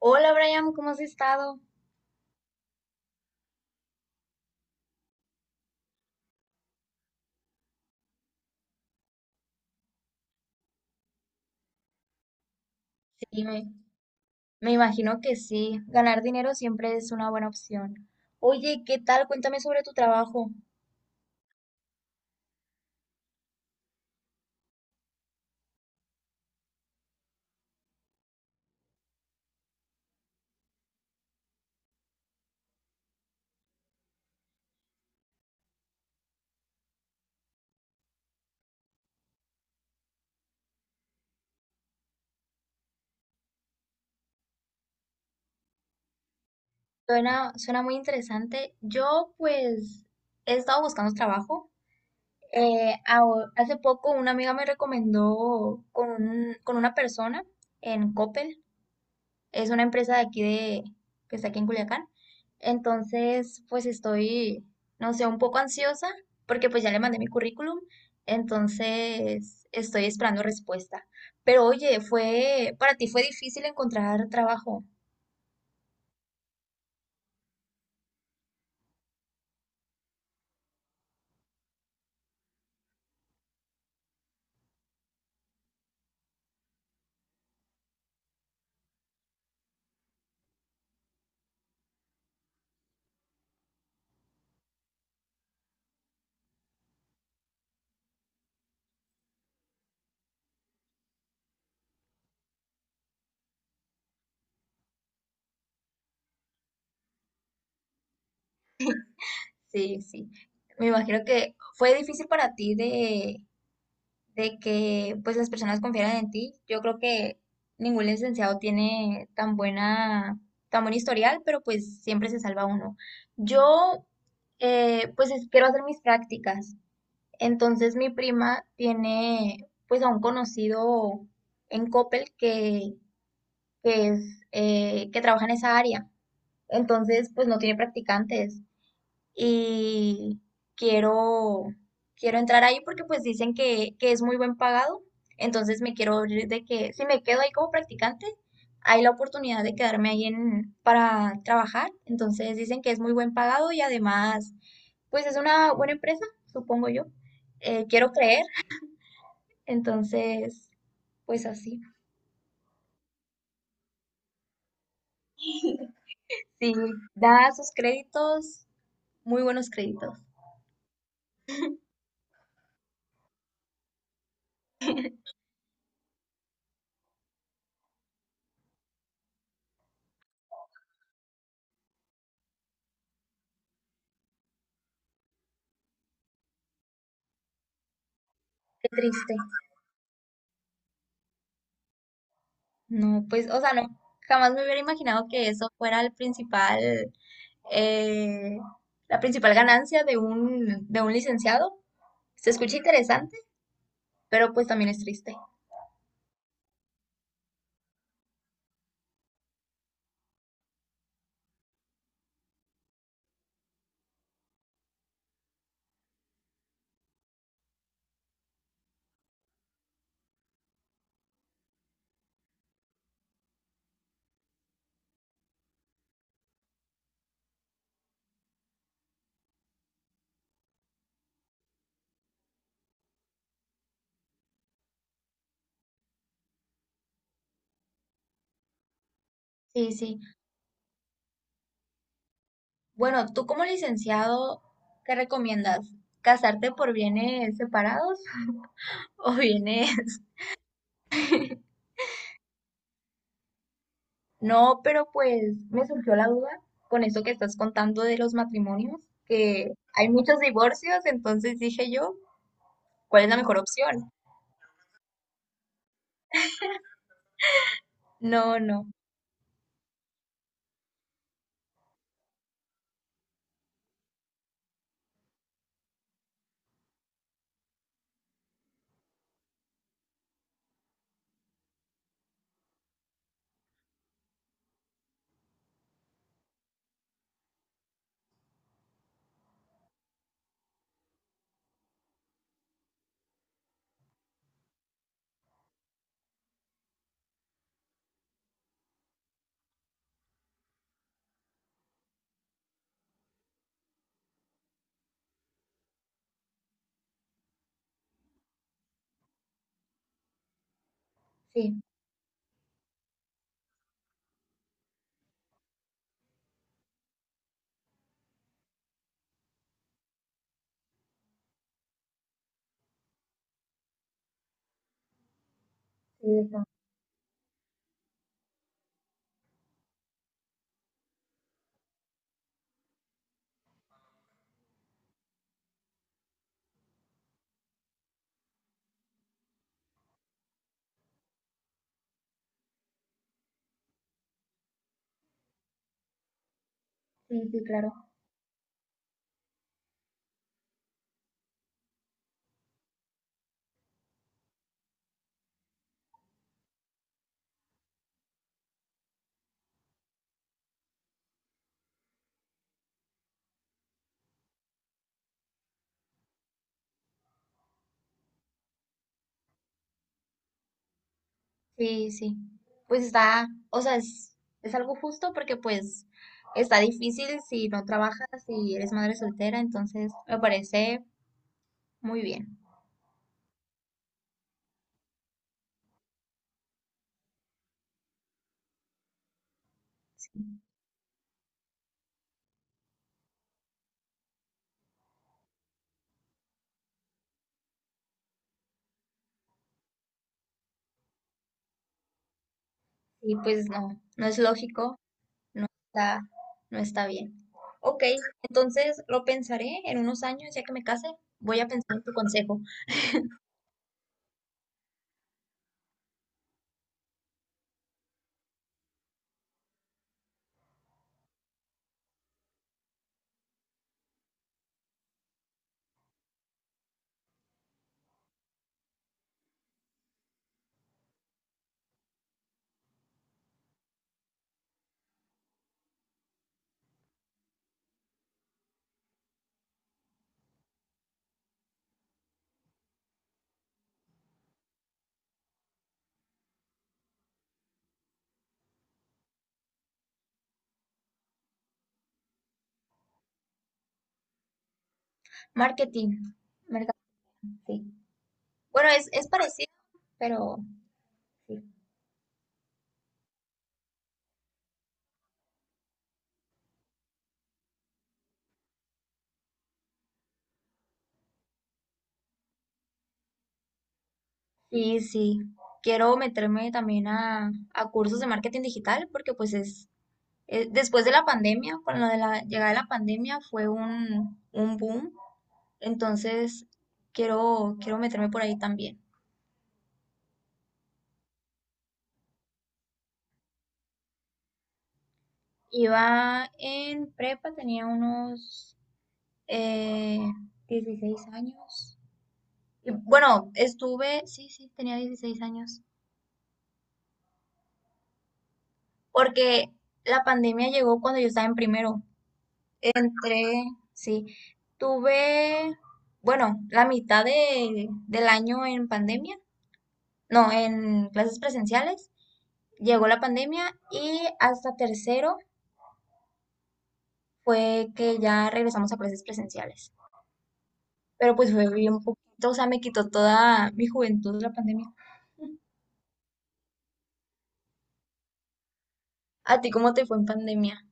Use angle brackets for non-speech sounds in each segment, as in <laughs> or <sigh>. Hola Brian, ¿cómo has estado? Sí, me, me imagino que sí. Ganar dinero siempre es una buena opción. Oye, ¿qué tal? Cuéntame sobre tu trabajo. Suena muy interesante. Yo, pues, he estado buscando trabajo. Hace poco una amiga me recomendó con una persona en Coppel. Es una empresa de aquí que está aquí en Culiacán. Entonces, pues estoy, no sé, un poco ansiosa porque pues ya le mandé mi currículum. Entonces, estoy esperando respuesta. Pero oye, para ti fue difícil encontrar trabajo. Sí, sí. Me imagino que fue difícil para ti de que pues las personas confiaran en ti. Yo creo que ningún licenciado tiene tan buen historial, pero pues siempre se salva uno. Yo quiero hacer mis prácticas. Entonces mi prima tiene pues a un conocido en Coppel que es, que trabaja en esa área. Entonces pues no tiene practicantes y quiero, quiero entrar ahí porque pues dicen que es muy buen pagado. Entonces me quiero ir de que si me quedo ahí como practicante, hay la oportunidad de quedarme para trabajar. Entonces dicen que es muy buen pagado y además pues es una buena empresa, supongo yo, quiero creer. Entonces pues así, sí, da sus créditos, muy buenos créditos. Qué triste. No, pues, o sea, no, jamás me hubiera imaginado que eso fuera el principal, eh, la principal ganancia de un licenciado. Se escucha interesante, pero pues también es triste. Sí, sí. Bueno, tú como licenciado, ¿qué recomiendas? ¿Casarte por bienes separados <laughs> o bienes? No, pero pues me surgió la duda con eso que estás contando de los matrimonios, que hay muchos divorcios, entonces dije yo, ¿cuál es la mejor opción? No, no. Sí. Sí, está. Sí, sí, claro. Sí, sí. Pues está, o sea, es algo justo porque pues está difícil si no trabajas, si eres madre soltera, entonces me parece muy bien. Sí. Y pues no, no es lógico, no está, no está bien. Ok, entonces lo pensaré en unos años, ya que me case, voy a pensar en tu consejo. Marketing, mercado, sí. Bueno, es parecido, pero sí. Y sí, quiero meterme también a cursos de marketing digital porque pues es, después de la pandemia, con lo de la llegada de la pandemia fue un boom. Entonces quiero meterme por ahí también. Iba en prepa, tenía unos eh, 16 años. Y bueno, sí, tenía 16 años, porque la pandemia llegó cuando yo estaba en primero. Entre, sí, tuve, bueno, la mitad del año en pandemia, no, en clases presenciales, llegó la pandemia y hasta tercero fue que ya regresamos a clases presenciales. Pero pues fue bien poquito, o sea, me quitó toda mi juventud la pandemia. ¿A ti cómo te fue en pandemia?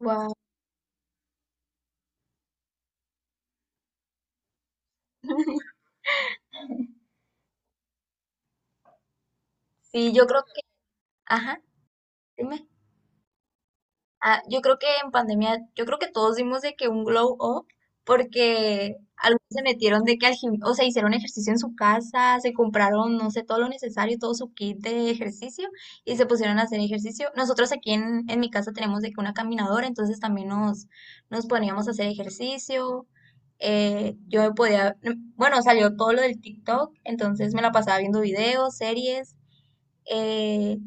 Wow. Sí, yo creo que, ajá, dime. Ah, yo creo que en pandemia, yo creo que todos dimos de que un glow up, porque algunos se metieron de que al gim- o sea, hicieron ejercicio en su casa, se compraron, no sé, todo lo necesario, todo su kit de ejercicio y se pusieron a hacer ejercicio. Nosotros aquí en mi casa tenemos de que una caminadora, entonces también nos poníamos a hacer ejercicio. Yo podía, bueno, salió todo lo del TikTok, entonces me la pasaba viendo videos, series. Eh,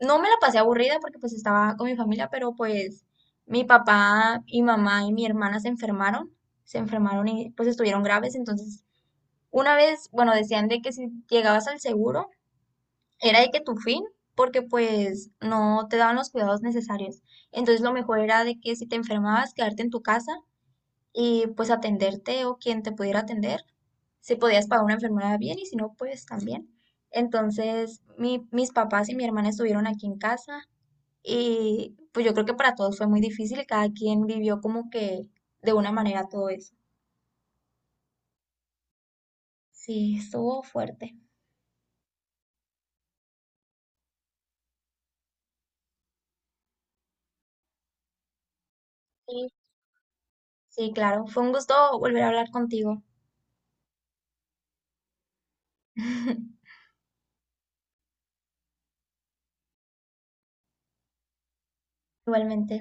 no me la pasé aburrida porque pues estaba con mi familia, pero pues mi papá y mamá y mi hermana se enfermaron y pues estuvieron graves, entonces una vez, bueno, decían de que si llegabas al seguro era de que tu fin, porque pues no te daban los cuidados necesarios. Entonces lo mejor era de que si te enfermabas, quedarte en tu casa y pues atenderte o quien te pudiera atender, si podías pagar una enfermedad bien y si no, pues también. Entonces mis papás y mi hermana estuvieron aquí en casa y pues yo creo que para todos fue muy difícil y cada quien vivió como que de una manera todo eso. Sí, estuvo fuerte. Sí, sí, claro. Fue un gusto volver a hablar contigo. <laughs> Igualmente.